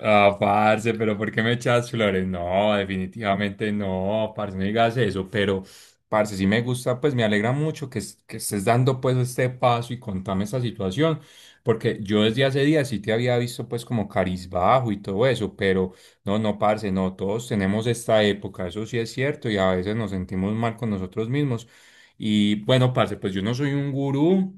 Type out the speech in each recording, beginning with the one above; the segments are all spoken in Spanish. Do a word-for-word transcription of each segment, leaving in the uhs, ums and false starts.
Ah, parce, pero ¿por qué me echas flores? No, definitivamente no, parce, no digas eso, pero parce, sí me gusta, pues me alegra mucho que, es- que estés dando pues este paso y contame esta situación, porque yo desde hace días sí te había visto pues como bajo y todo eso, pero no, no, parce, no, todos tenemos esta época, eso sí es cierto, y a veces nos sentimos mal con nosotros mismos. Y bueno, parce, pues yo no soy un gurú.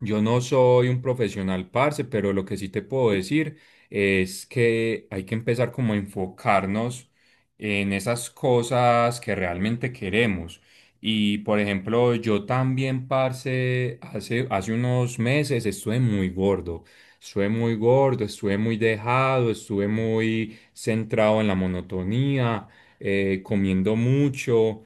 Yo no soy un profesional, parce, pero lo que sí te puedo decir es que hay que empezar como a enfocarnos en esas cosas que realmente queremos. Y por ejemplo, yo también, parce, hace, hace unos meses estuve muy gordo. Estuve muy gordo, estuve muy dejado, estuve muy centrado en la monotonía, eh, comiendo mucho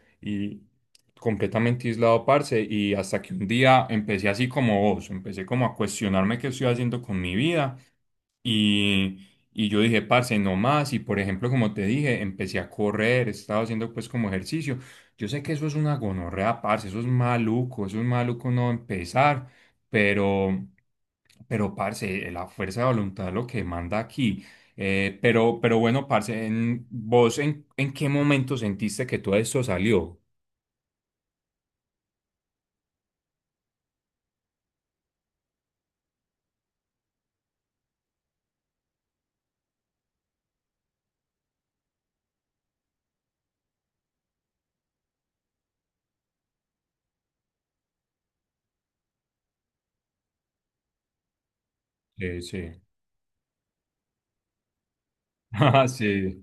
completamente aislado, parce, y hasta que un día empecé así como vos, empecé como a cuestionarme qué estoy haciendo con mi vida y, y yo dije, parce, no más, y por ejemplo, como te dije, empecé a correr, estaba haciendo pues como ejercicio. Yo sé que eso es una gonorrea, parce, eso es maluco, eso es maluco no empezar, pero, pero, parce, la fuerza de voluntad es lo que manda aquí. Eh, pero, pero bueno, parce, en, ¿vos en, en qué momento sentiste que todo esto salió? Sí, sí. Ah, sí.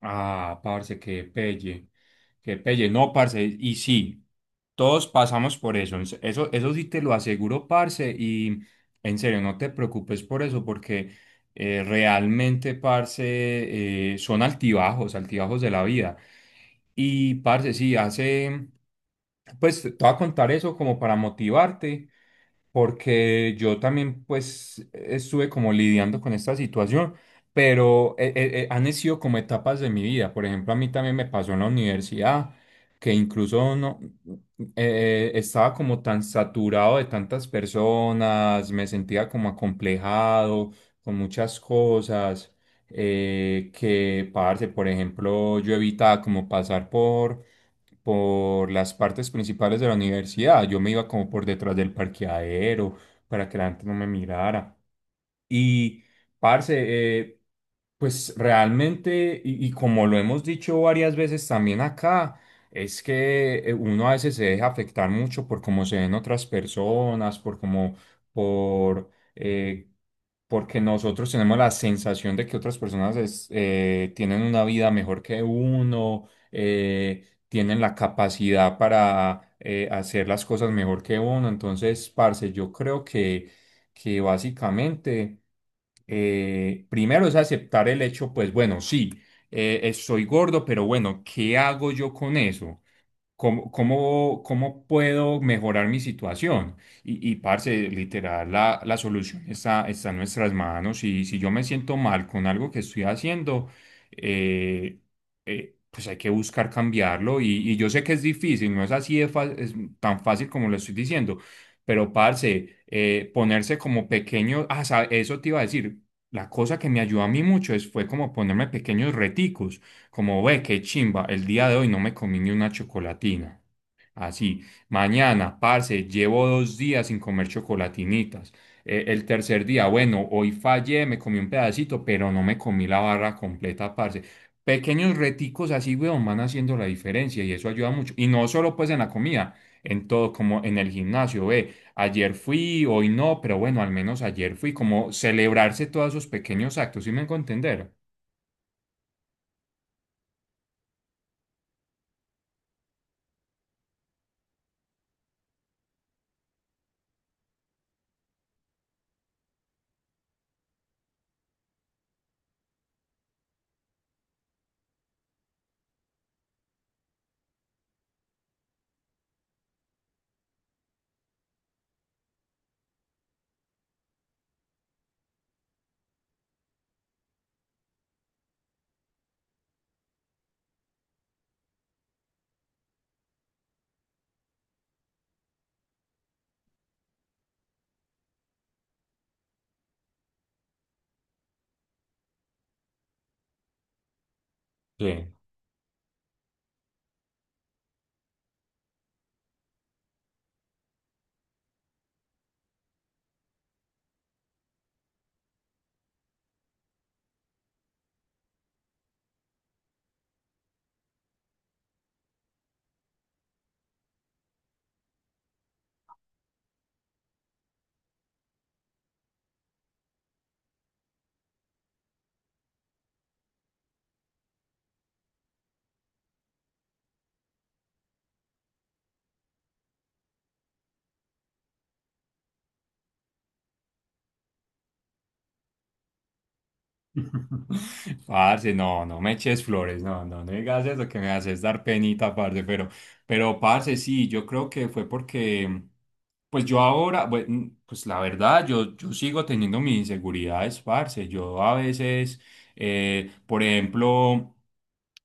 Ah, parce, qué pelle. Qué pelle. No, parce, y sí, todos pasamos por eso. Ens- Eso, eso sí te lo aseguro, parce, y en serio, no te preocupes por eso, porque eh, realmente, parce, eh, son altibajos, altibajos de la vida. Y, parce, sí, hace, pues te voy a contar eso como para motivarte porque yo también pues estuve como lidiando con esta situación, pero eh, eh, eh, han sido como etapas de mi vida. Por ejemplo, a mí también me pasó en la universidad, que incluso no, eh, estaba como tan saturado de tantas personas, me sentía como acomplejado con muchas cosas, eh, que, parce, por ejemplo, yo evitaba como pasar por por las partes principales de la universidad. Yo me iba como por detrás del parqueadero para que la gente no me mirara. Y, parce, eh, pues realmente, y, y como lo hemos dicho varias veces también acá, es que eh, uno a veces se deja afectar mucho por cómo se ven otras personas, por cómo, por, eh, porque nosotros tenemos la sensación de que otras personas es- eh, tienen una vida mejor que uno, eh, tienen la capacidad para eh, hacer las cosas mejor que uno. Entonces, parce, yo creo que, que básicamente eh, primero es aceptar el hecho, pues bueno, sí, eh, eh, soy gordo, pero bueno, ¿qué hago yo con eso? ¿Cómo, cómo, cómo puedo mejorar mi situación? Y, y parce, literal, la, la solución está, está en nuestras manos. Y si yo me siento mal con algo que estoy haciendo, eh, eh, pues hay que buscar cambiarlo. Y, y yo sé que es difícil, no es así de fa- es tan fácil como lo estoy diciendo, pero parce, eh, ponerse como pequeño, ah, sa- eso te iba a decir, la cosa que me ayudó a mí mucho es, fue como ponerme pequeños reticos como ve, qué chimba, el día de hoy no me comí ni una chocolatina. Así, mañana, parce, llevo dos días sin comer chocolatinitas. Eh, el tercer día, bueno, hoy fallé, me comí un pedacito, pero no me comí la barra completa, parce. Pequeños reticos así, weón, van haciendo la diferencia y eso ayuda mucho. Y no solo pues en la comida, en todo, como en el gimnasio, ve, ayer fui, hoy no, pero bueno, al menos ayer fui, como celebrarse todos esos pequeños actos, ¿sí me hago entender? Sí. Parce, no, no me eches flores, no, no, no digas eso que me haces dar penita, parce, pero, pero, parce, sí, yo creo que fue porque, pues yo ahora, bueno, pues la verdad, yo, yo sigo teniendo mis inseguridades, parce, yo a veces, eh, por ejemplo,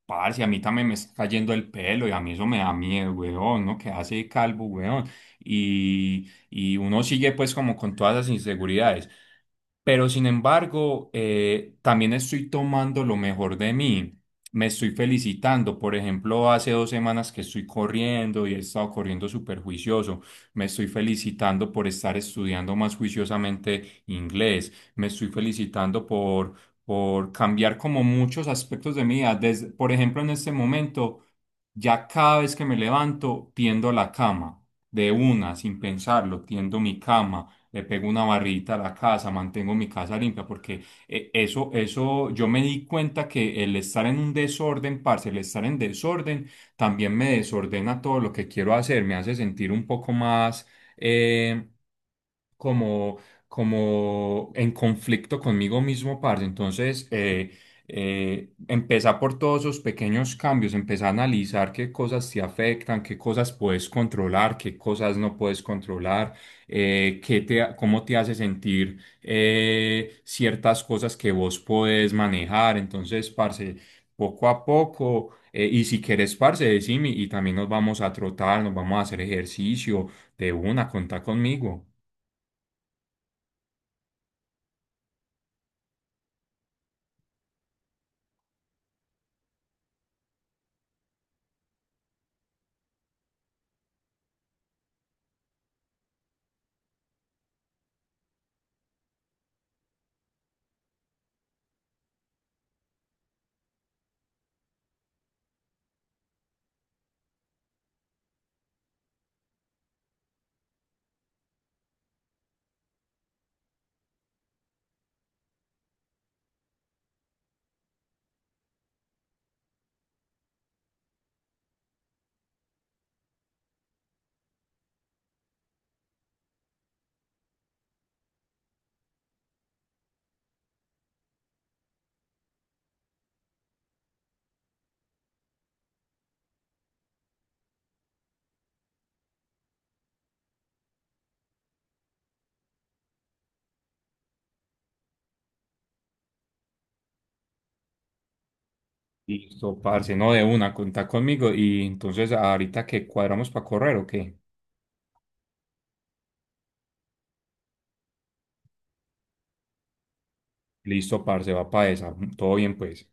parce, a mí también me está cayendo el pelo y a mí eso me da miedo, weón, ¿no? Que hace calvo, weón, y, y uno sigue pues como con todas las inseguridades. Pero sin embargo, eh, también estoy tomando lo mejor de mí. Me estoy felicitando. Por ejemplo, hace dos semanas que estoy corriendo y he estado corriendo súper juicioso. Me estoy felicitando por estar estudiando más juiciosamente inglés. Me estoy felicitando por, por cambiar como muchos aspectos de mi vida. Desde- por ejemplo, en este momento, ya cada vez que me levanto, tiendo la cama de una, sin pensarlo, tiendo mi cama, le pego una barrita a la casa, mantengo mi casa limpia, porque eh, eso, eso, yo me di cuenta que el estar en un desorden, parce, el estar en desorden, también me desordena todo lo que quiero hacer, me hace sentir un poco más... eh, como, como en conflicto conmigo mismo, parce. Entonces, eh, eh, empezá por todos esos pequeños cambios, empezá a analizar qué cosas te afectan, qué cosas puedes controlar, qué cosas no puedes controlar, eh, qué te, cómo te hace sentir eh, ciertas cosas que vos podés manejar. Entonces, parce, poco a poco. Eh, y si querés, parce, decime y también nos vamos a trotar, nos vamos a hacer ejercicio de una, contá conmigo. Listo, parce, no, de una, contá conmigo y entonces ahorita que cuadramos para correr o qué. Listo, parce, va para esa. Todo bien, pues.